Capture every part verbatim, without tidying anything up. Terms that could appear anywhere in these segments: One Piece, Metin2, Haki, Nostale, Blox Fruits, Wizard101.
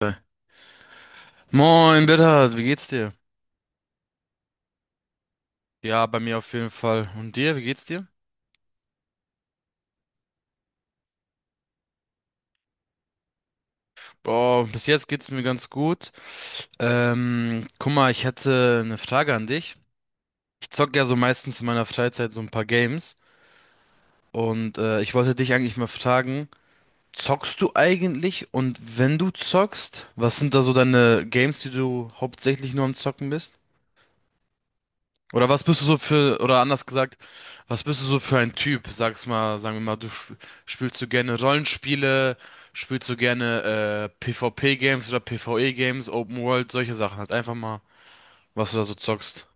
Geil. Moin, Bitter, wie geht's dir? Ja, bei mir auf jeden Fall. Und dir, wie geht's dir? Boah, bis jetzt geht's mir ganz gut. Ähm, guck mal, ich hätte eine Frage an dich. Ich zocke ja so meistens in meiner Freizeit so ein paar Games. Und äh, ich wollte dich eigentlich mal fragen, zockst du eigentlich? Und wenn du zockst, was sind da so deine Games, die du hauptsächlich nur am Zocken bist? Oder was bist du so für, oder anders gesagt, was bist du so für ein Typ? Sag's mal, sagen wir mal, du sp spielst du gerne Rollenspiele, spielst du gerne äh, PvP-Games oder PvE-Games, Open World, solche Sachen halt. Einfach mal, was du da so zockst.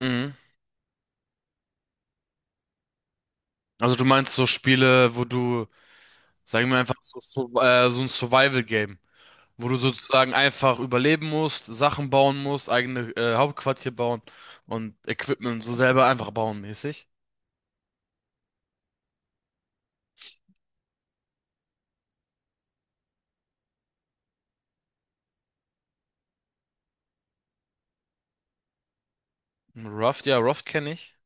Mhm. Also du meinst so Spiele, wo du, sagen wir einfach so, so, äh, so ein Survival-Game, wo du sozusagen einfach überleben musst, Sachen bauen musst, eigene äh, Hauptquartier bauen und Equipment so selber einfach bauen mäßig. Raft, ja, Raft kenne ich.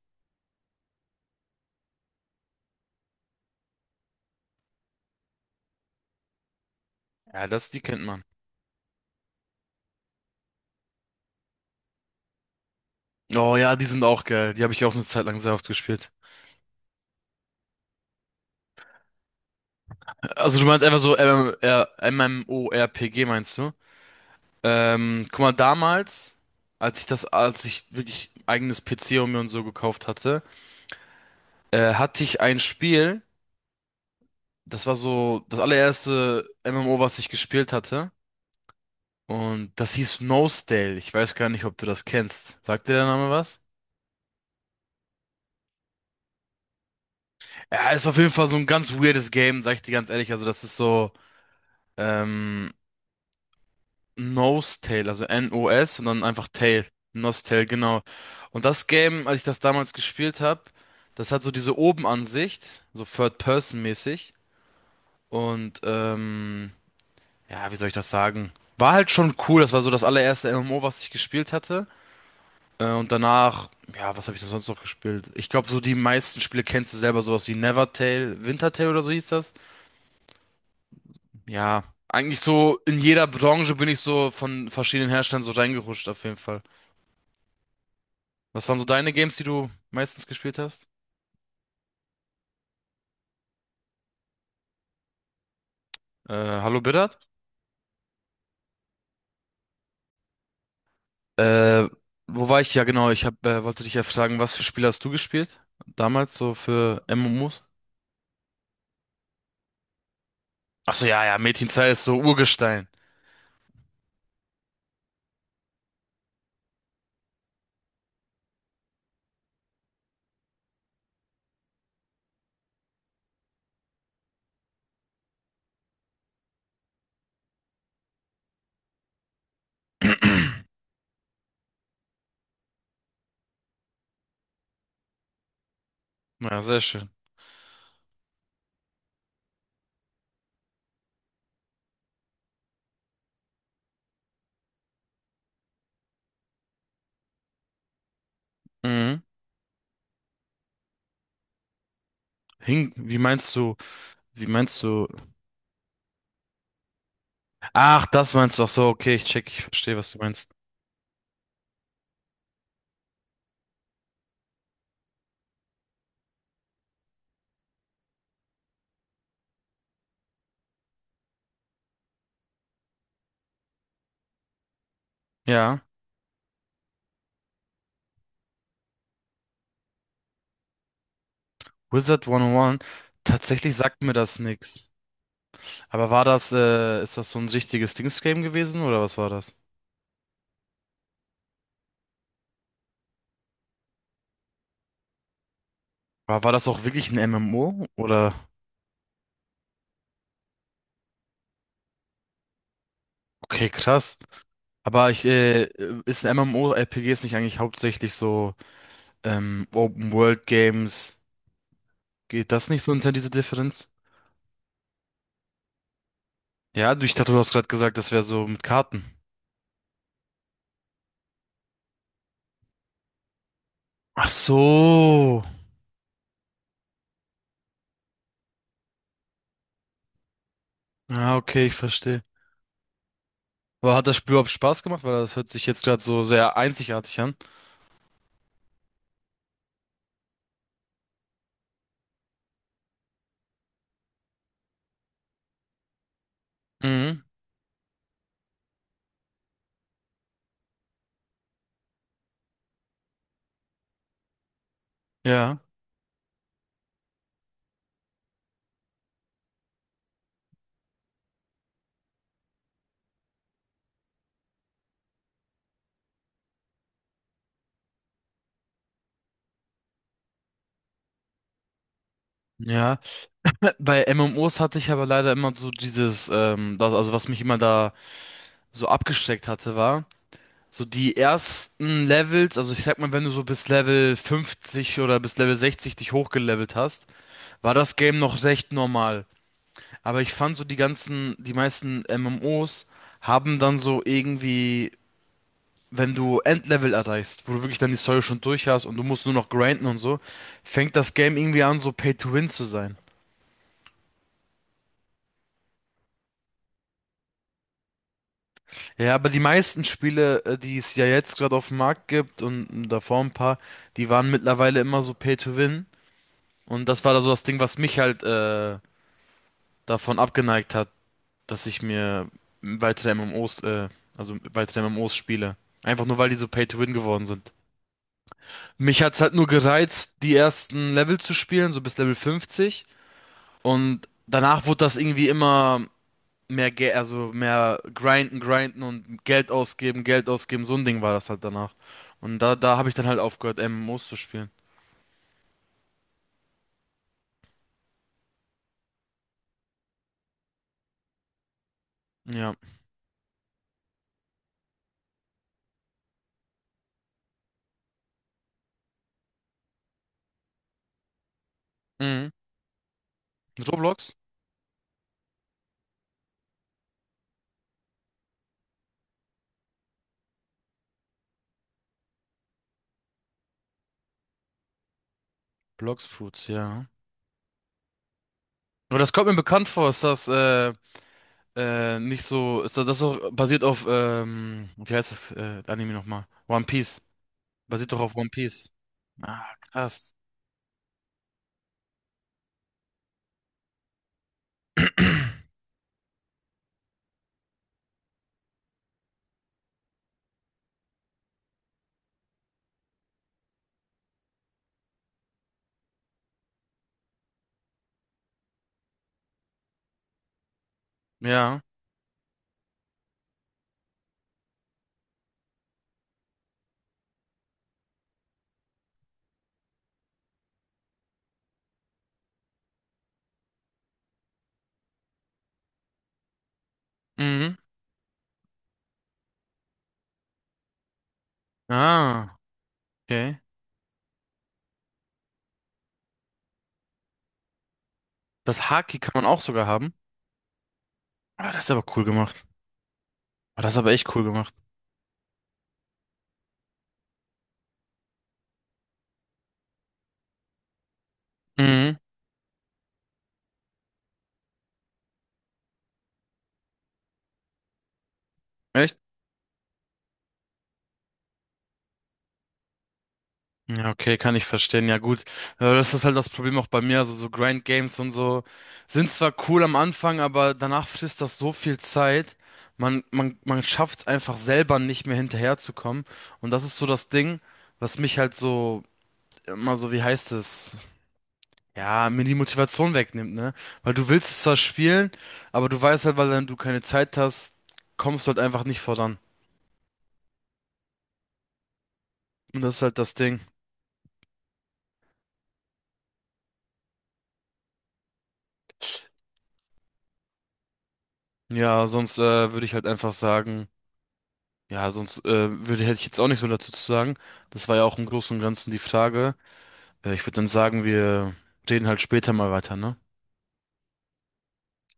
Ja, das, die kennt man. Oh ja, die sind auch geil. Die habe ich auch eine Zeit lang sehr oft gespielt. Also du meinst einfach so M M R MMORPG meinst du? Ähm, guck mal, damals, als ich das, als ich wirklich eigenes P C und mir und so gekauft hatte, äh, hatte ich ein Spiel, das war so das allererste M M O, was ich gespielt hatte. Und das hieß Nosedale. Ich weiß gar nicht, ob du das kennst. Sagt dir der Name was? Ja, ist auf jeden Fall so ein ganz weirdes Game, sag ich dir ganz ehrlich. Also das ist so, ähm, Nostale, also N-O-S und dann einfach Tail. Nostale, genau. Und das Game, als ich das damals gespielt habe, das hat so diese Obenansicht, so Third-Person-mäßig. Und ähm, ja, wie soll ich das sagen? War halt schon cool, das war so das allererste M M O, was ich gespielt hatte. Äh, und danach, ja, was habe ich denn sonst noch gespielt? Ich glaube, so die meisten Spiele kennst du selber, sowas wie Nevertale, Wintertale oder so hieß das. Ja, eigentlich so in jeder Branche bin ich so von verschiedenen Herstellern so reingerutscht, auf jeden Fall. Was waren so deine Games, die du meistens gespielt hast? Äh, Hallo Biddard? Äh, Wo war ich? Ja, genau. Ich hab, äh, wollte dich ja fragen, was für Spiele hast du gespielt? Damals so für M M Os? Ach so, ja, ja, Metin zwei ist so Urgestein. Ja, sehr schön. Mhm. Hing, wie meinst du, wie meinst du? Ach, das meinst du. Ach so, okay, ich check, ich verstehe, was du meinst. Ja, Wizard hundertundeins, tatsächlich sagt mir das nix. Aber war das, äh, ist das so ein richtiges Dings-Game gewesen oder was war das? War, war das auch wirklich ein M M O oder? Okay, krass. Aber ich, äh, ist ein MMORPGs nicht eigentlich hauptsächlich so ähm, Open World Games? Geht das nicht so unter diese Differenz? Ja, du- ich dachte, du hast gerade gesagt, das wäre so mit Karten. Ach so. Ah okay, ich verstehe. Aber hat das Spiel überhaupt Spaß gemacht? Weil das hört sich jetzt gerade so sehr einzigartig an. Mhm. Ja. Ja. Bei M M Os hatte ich aber leider immer so dieses, ähm, das, also was mich immer da so abgeschreckt hatte, war. So die ersten Levels, also ich sag mal, wenn du so bis Level fünfzig oder bis Level sechzig dich hochgelevelt hast, war das Game noch recht normal. Aber ich fand so die ganzen, die meisten M M Os haben dann so irgendwie, wenn du Endlevel erreichst, wo du wirklich dann die Story schon durch hast und du musst nur noch grinden und so, fängt das Game irgendwie an, so Pay to Win zu sein. Ja, aber die meisten Spiele, äh, die es ja jetzt gerade auf dem Markt gibt und davor ein paar, die waren mittlerweile immer so Pay to Win. Und das war da so das Ding, was mich halt äh, davon abgeneigt hat, dass ich mir weitere M M Os, äh, also weitere M M Os spiele. Einfach nur, weil die so Pay to Win geworden sind. Mich hat's halt nur gereizt, die ersten Level zu spielen, so bis Level fünfzig. Und danach wurde das irgendwie immer mehr, Ge also mehr grinden, grinden und Geld ausgeben, Geld ausgeben. So ein Ding war das halt danach. Und da, da habe ich dann halt aufgehört, M M Os zu spielen. Ja. Mhm. Roblox? Blox Fruits, ja. Aber das kommt mir bekannt vor, ist das äh, äh, nicht so, ist das, das so basiert auf, ähm, wie heißt das äh, Anime nochmal? One Piece. Basiert doch auf One Piece. Ah, krass. Ja. Mhm. Ah, okay. Das Haki kann man auch sogar haben. Ah, das ist aber cool gemacht. Ah, das ist aber echt cool gemacht. Mhm. Echt? Ja, okay, kann ich verstehen. Ja, gut. Äh, Das ist halt das Problem auch bei mir. Also so Grind Games und so sind zwar cool am Anfang, aber danach frisst das so viel Zeit. Man, man, man schafft es einfach selber nicht mehr hinterherzukommen. Und das ist so das Ding, was mich halt so immer so, wie heißt es? Ja, mir die Motivation wegnimmt, ne? Weil du willst es zwar spielen, aber du weißt halt, weil dann du keine Zeit hast, kommst du halt einfach nicht voran. Und das ist halt das Ding. Ja, sonst äh, würde ich halt einfach sagen. Ja, sonst äh, würde, hätte ich jetzt auch nichts mehr dazu zu sagen. Das war ja auch im Großen und Ganzen die Frage. Äh, ich würde dann sagen, wir reden halt später mal weiter, ne?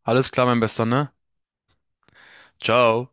Alles klar, mein Bester, ne? Ciao.